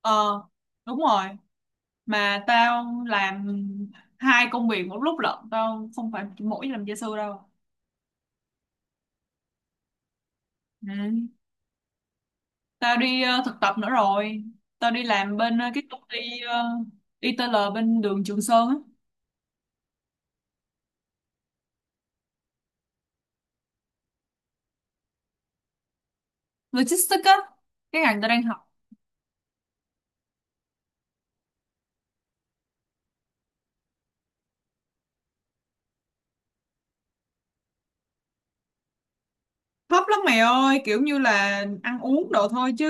Ờ, đúng rồi. Mà tao làm hai công việc một lúc lận. Tao không phải chỉ mỗi làm gia sư đâu. Ừ. Tao đi thực tập nữa rồi. Tao đi làm bên cái công ty ờ, ITL bên đường Trường Sơn á. Logistics á. Cái ngành tao đang học. Thấp lắm mày ơi. Kiểu như là ăn uống đồ thôi chứ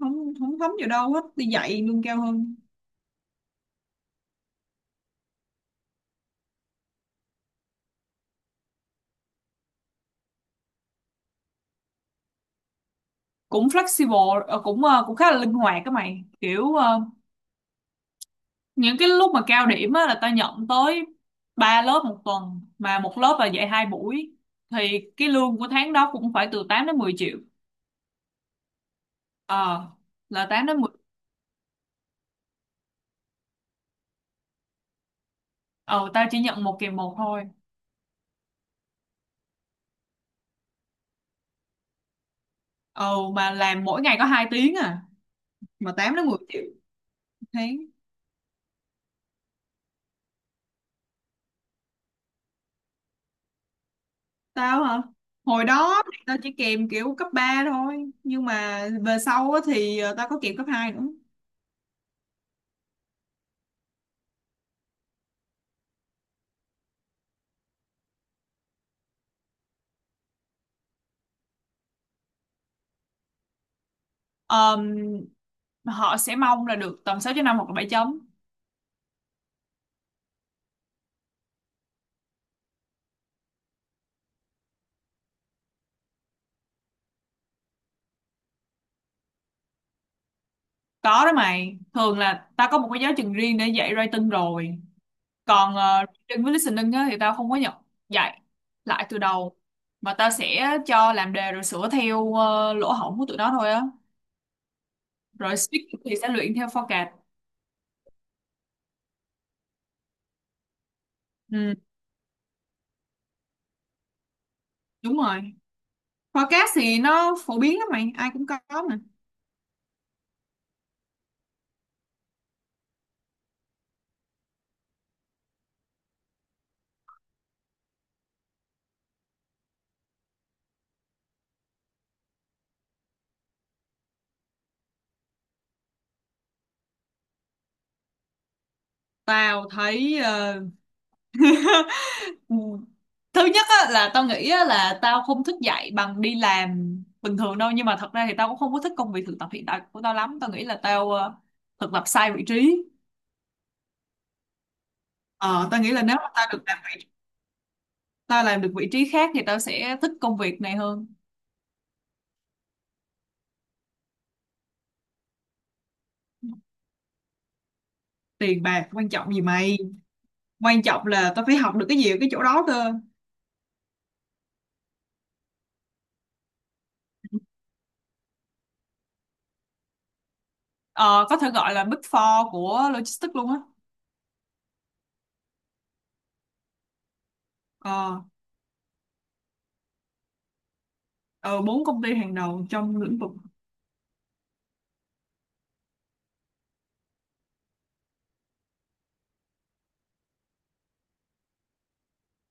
không không thấm gì đâu hết. Đi dạy lương cao hơn. Cũng flexible, cũng khá là linh hoạt các mày. Kiểu những cái lúc mà cao điểm á, là tao nhận tới ba lớp một tuần, mà một lớp là dạy hai buổi thì cái lương của tháng đó cũng phải từ 8 đến 10 triệu. Ờ, là 8 đến 10. Ờ, tao chỉ nhận một kỳ một thôi. Ờ, mà làm mỗi ngày có hai tiếng à, mà 8 đến 10 triệu một tháng. Tao hả? Hồi đó thì tao chỉ kèm kiểu cấp 3 thôi, nhưng mà về sau á, thì tao có kèm cấp 2 nữa. Ờm, Họ sẽ mong là được tầm 6.5 hoặc là 7.0. Có đó mày, thường là tao có một cái giáo trình riêng để dạy writing rồi. Còn reading với listening á, thì tao không có nhập dạy lại từ đầu. Mà tao sẽ cho làm đề rồi sửa theo lỗ hổng của tụi nó thôi á. Rồi speaking thì sẽ luyện theo forecast. Ừ, đúng rồi. Forecast thì nó phổ biến lắm mày, ai cũng có mà. Tao thấy Ừ. Thứ nhất á, là tao nghĩ á, là tao không thích dạy bằng đi làm bình thường đâu, nhưng mà thật ra thì tao cũng không có thích công việc thực tập hiện tại của tao lắm. Tao nghĩ là tao thực tập sai vị trí. Ờ, Tao nghĩ là nếu mà tao làm được vị trí khác thì tao sẽ thích công việc này hơn. Tiền bạc quan trọng gì mày, quan trọng là tao phải học được cái gì ở cái chỗ đó cơ. Ờ, có thể gọi là Big Four của logistics luôn á. Ờ ờ, bốn công ty hàng đầu trong lĩnh vực.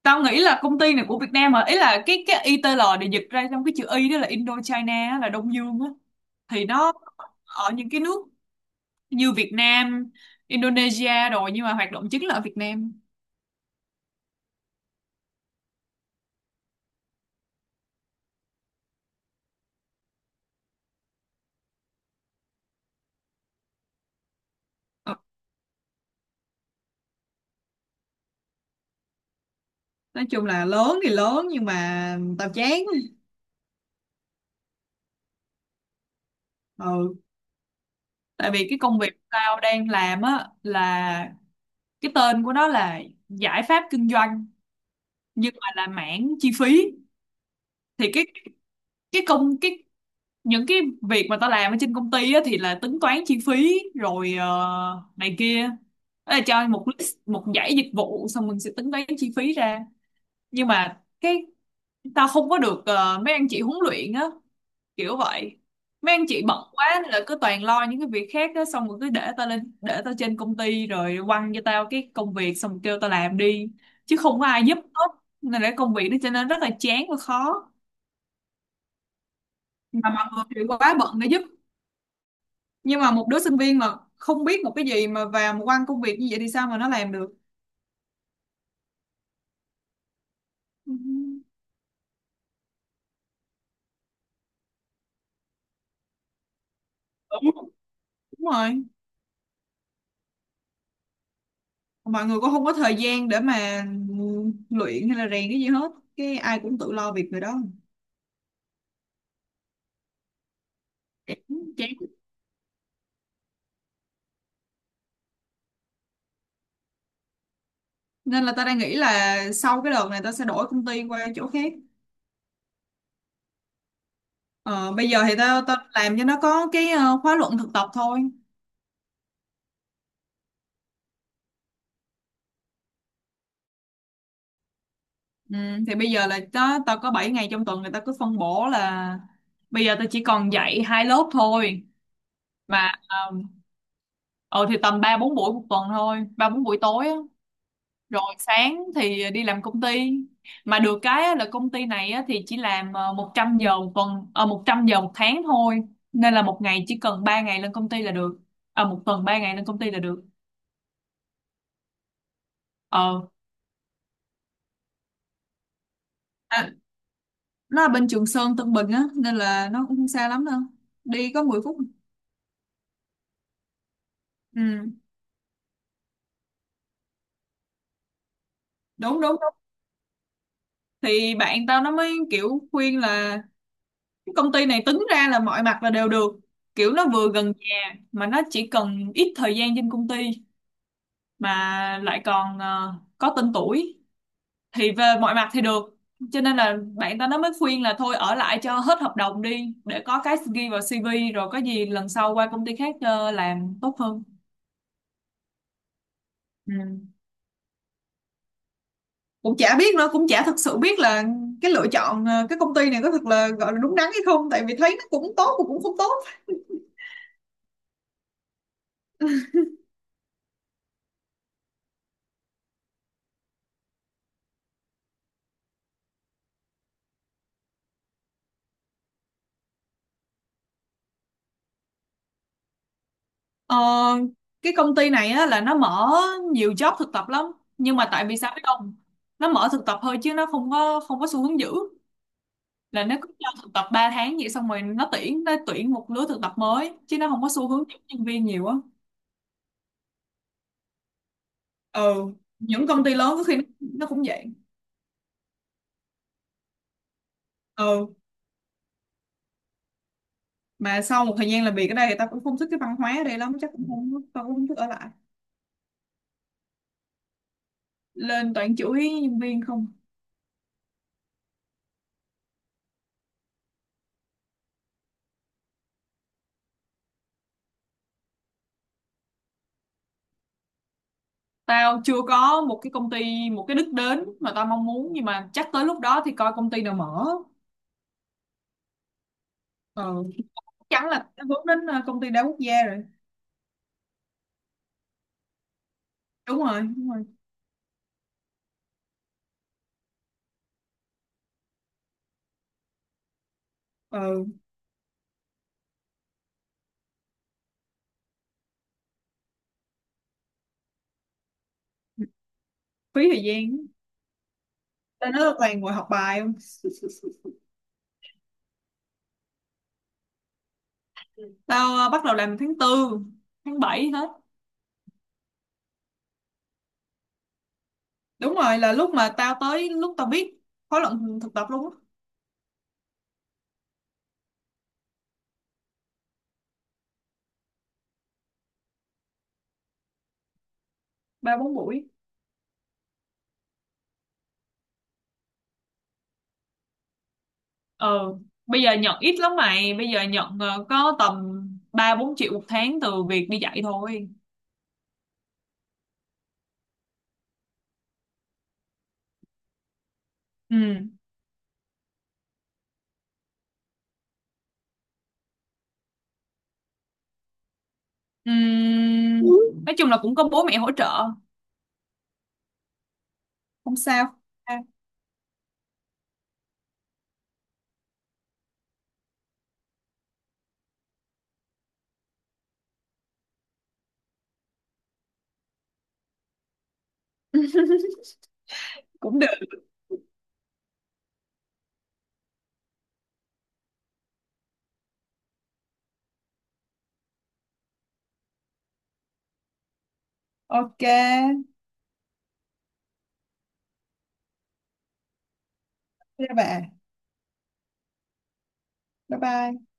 Tao nghĩ là công ty này của Việt Nam hả, ý là cái i ITL để dịch ra, trong cái chữ Y đó là Indochina á, là Đông Dương á. Thì nó ở những cái nước như Việt Nam, Indonesia rồi, nhưng mà hoạt động chính là ở Việt Nam. Ừ. Nói chung là lớn thì lớn nhưng mà tao chán. Ừ, tại vì cái công việc tao đang làm á là, cái tên của nó là giải pháp kinh doanh, nhưng mà là mảng chi phí. Thì cái công cái những cái việc mà tao làm ở trên công ty á, thì là tính toán chi phí rồi này kia. Đó là cho một list, một dãy dịch vụ, xong mình sẽ tính toán chi phí ra. Nhưng mà cái, tao không có được mấy anh chị huấn luyện á, kiểu vậy. Mấy anh chị bận quá nên là cứ toàn lo những cái việc khác á, xong rồi cứ để tao lên, để tao trên công ty rồi quăng cho tao cái công việc, xong rồi kêu tao làm đi, chứ không có ai giúp hết. Nên là công việc nó trở nên rất là chán và khó, mà mọi người thì quá bận để giúp. Nhưng mà một đứa sinh viên mà không biết một cái gì mà vào một quan công việc như vậy thì sao mà nó làm được. Ừ. Đúng. Đúng rồi. Mọi người cũng không có thời gian để mà luyện hay là rèn cái gì hết, cái ai cũng tự lo việc người đó. Chán. Chán. Nên là tao đang nghĩ là sau cái đợt này tao sẽ đổi công ty qua chỗ khác. Ờ, bây giờ thì tao tao làm cho nó có cái khóa luận thực tập thôi. Ừ, thì bây giờ là tao tao có 7 ngày trong tuần, người ta cứ phân bổ là bây giờ tao chỉ còn dạy hai lớp thôi. Mà um, ừ, thì tầm ba bốn buổi một tuần thôi, ba bốn buổi tối á. Rồi sáng thì đi làm công ty. Mà được cái á, là công ty này á, thì chỉ làm 100 giờ một tuần, 100 giờ một tháng thôi. Nên là một ngày chỉ cần 3 ngày lên công ty là được. Ờ, một tuần 3 ngày lên công ty là được. Ờ. À, nó là bên Trường Sơn Tân Bình á, nên là nó cũng không xa lắm đâu, đi có 10 phút. Ừ, đúng đúng đúng. Thì bạn tao nó mới kiểu khuyên là công ty này tính ra là mọi mặt là đều được, kiểu nó vừa gần nhà mà nó chỉ cần ít thời gian trên công ty, mà lại còn có tên tuổi, thì về mọi mặt thì được. Cho nên là bạn ta nó mới khuyên là thôi ở lại cho hết hợp đồng đi, để có cái ghi vào CV, rồi có gì lần sau qua công ty khác làm tốt hơn. Ừ. Cũng chả biết nữa, cũng chả thực sự biết là cái lựa chọn cái công ty này có thật là gọi là đúng đắn hay không, tại vì thấy nó cũng tốt mà cũng không tốt. Ờ, cái công ty này á, là nó mở nhiều job thực tập lắm, nhưng mà tại vì sao biết không, nó mở thực tập thôi chứ nó không có xu hướng giữ. Là nó cứ cho thực tập 3 tháng vậy, xong rồi nó tuyển một lứa thực tập mới, chứ nó không có xu hướng giữ nhân viên nhiều á. Ừ. Những công ty lớn có khi nó cũng vậy. Ừ, mà sau một thời gian làm việc ở đây thì ta cũng không thích cái văn hóa ở đây lắm, chắc cũng không tao cũng không thích ở lại. Lên toàn chửi nhân viên không. Tao chưa có một cái công ty, một cái đích đến mà tao mong muốn, nhưng mà chắc tới lúc đó thì coi công ty nào mở. Ừ, chắc chắn là tao hướng đến công ty đa quốc gia rồi. Đúng rồi, đúng rồi. Ừ, phí thời gian. Tao nói toàn ngồi học bài không? Tao bắt đầu làm tháng tư, tháng 7 hết. Đúng rồi, là lúc mà tao tới lúc tao biết khóa luận thực tập luôn á. Ba bốn buổi. Ờ, bây giờ nhận ít lắm mày, bây giờ nhận có tầm 3 4 triệu một tháng từ việc đi dạy thôi. Ừ. Ừm, nói chung là cũng có bố mẹ hỗ trợ, không sao. À, cũng được. Ok. Thế bà. Bye bye.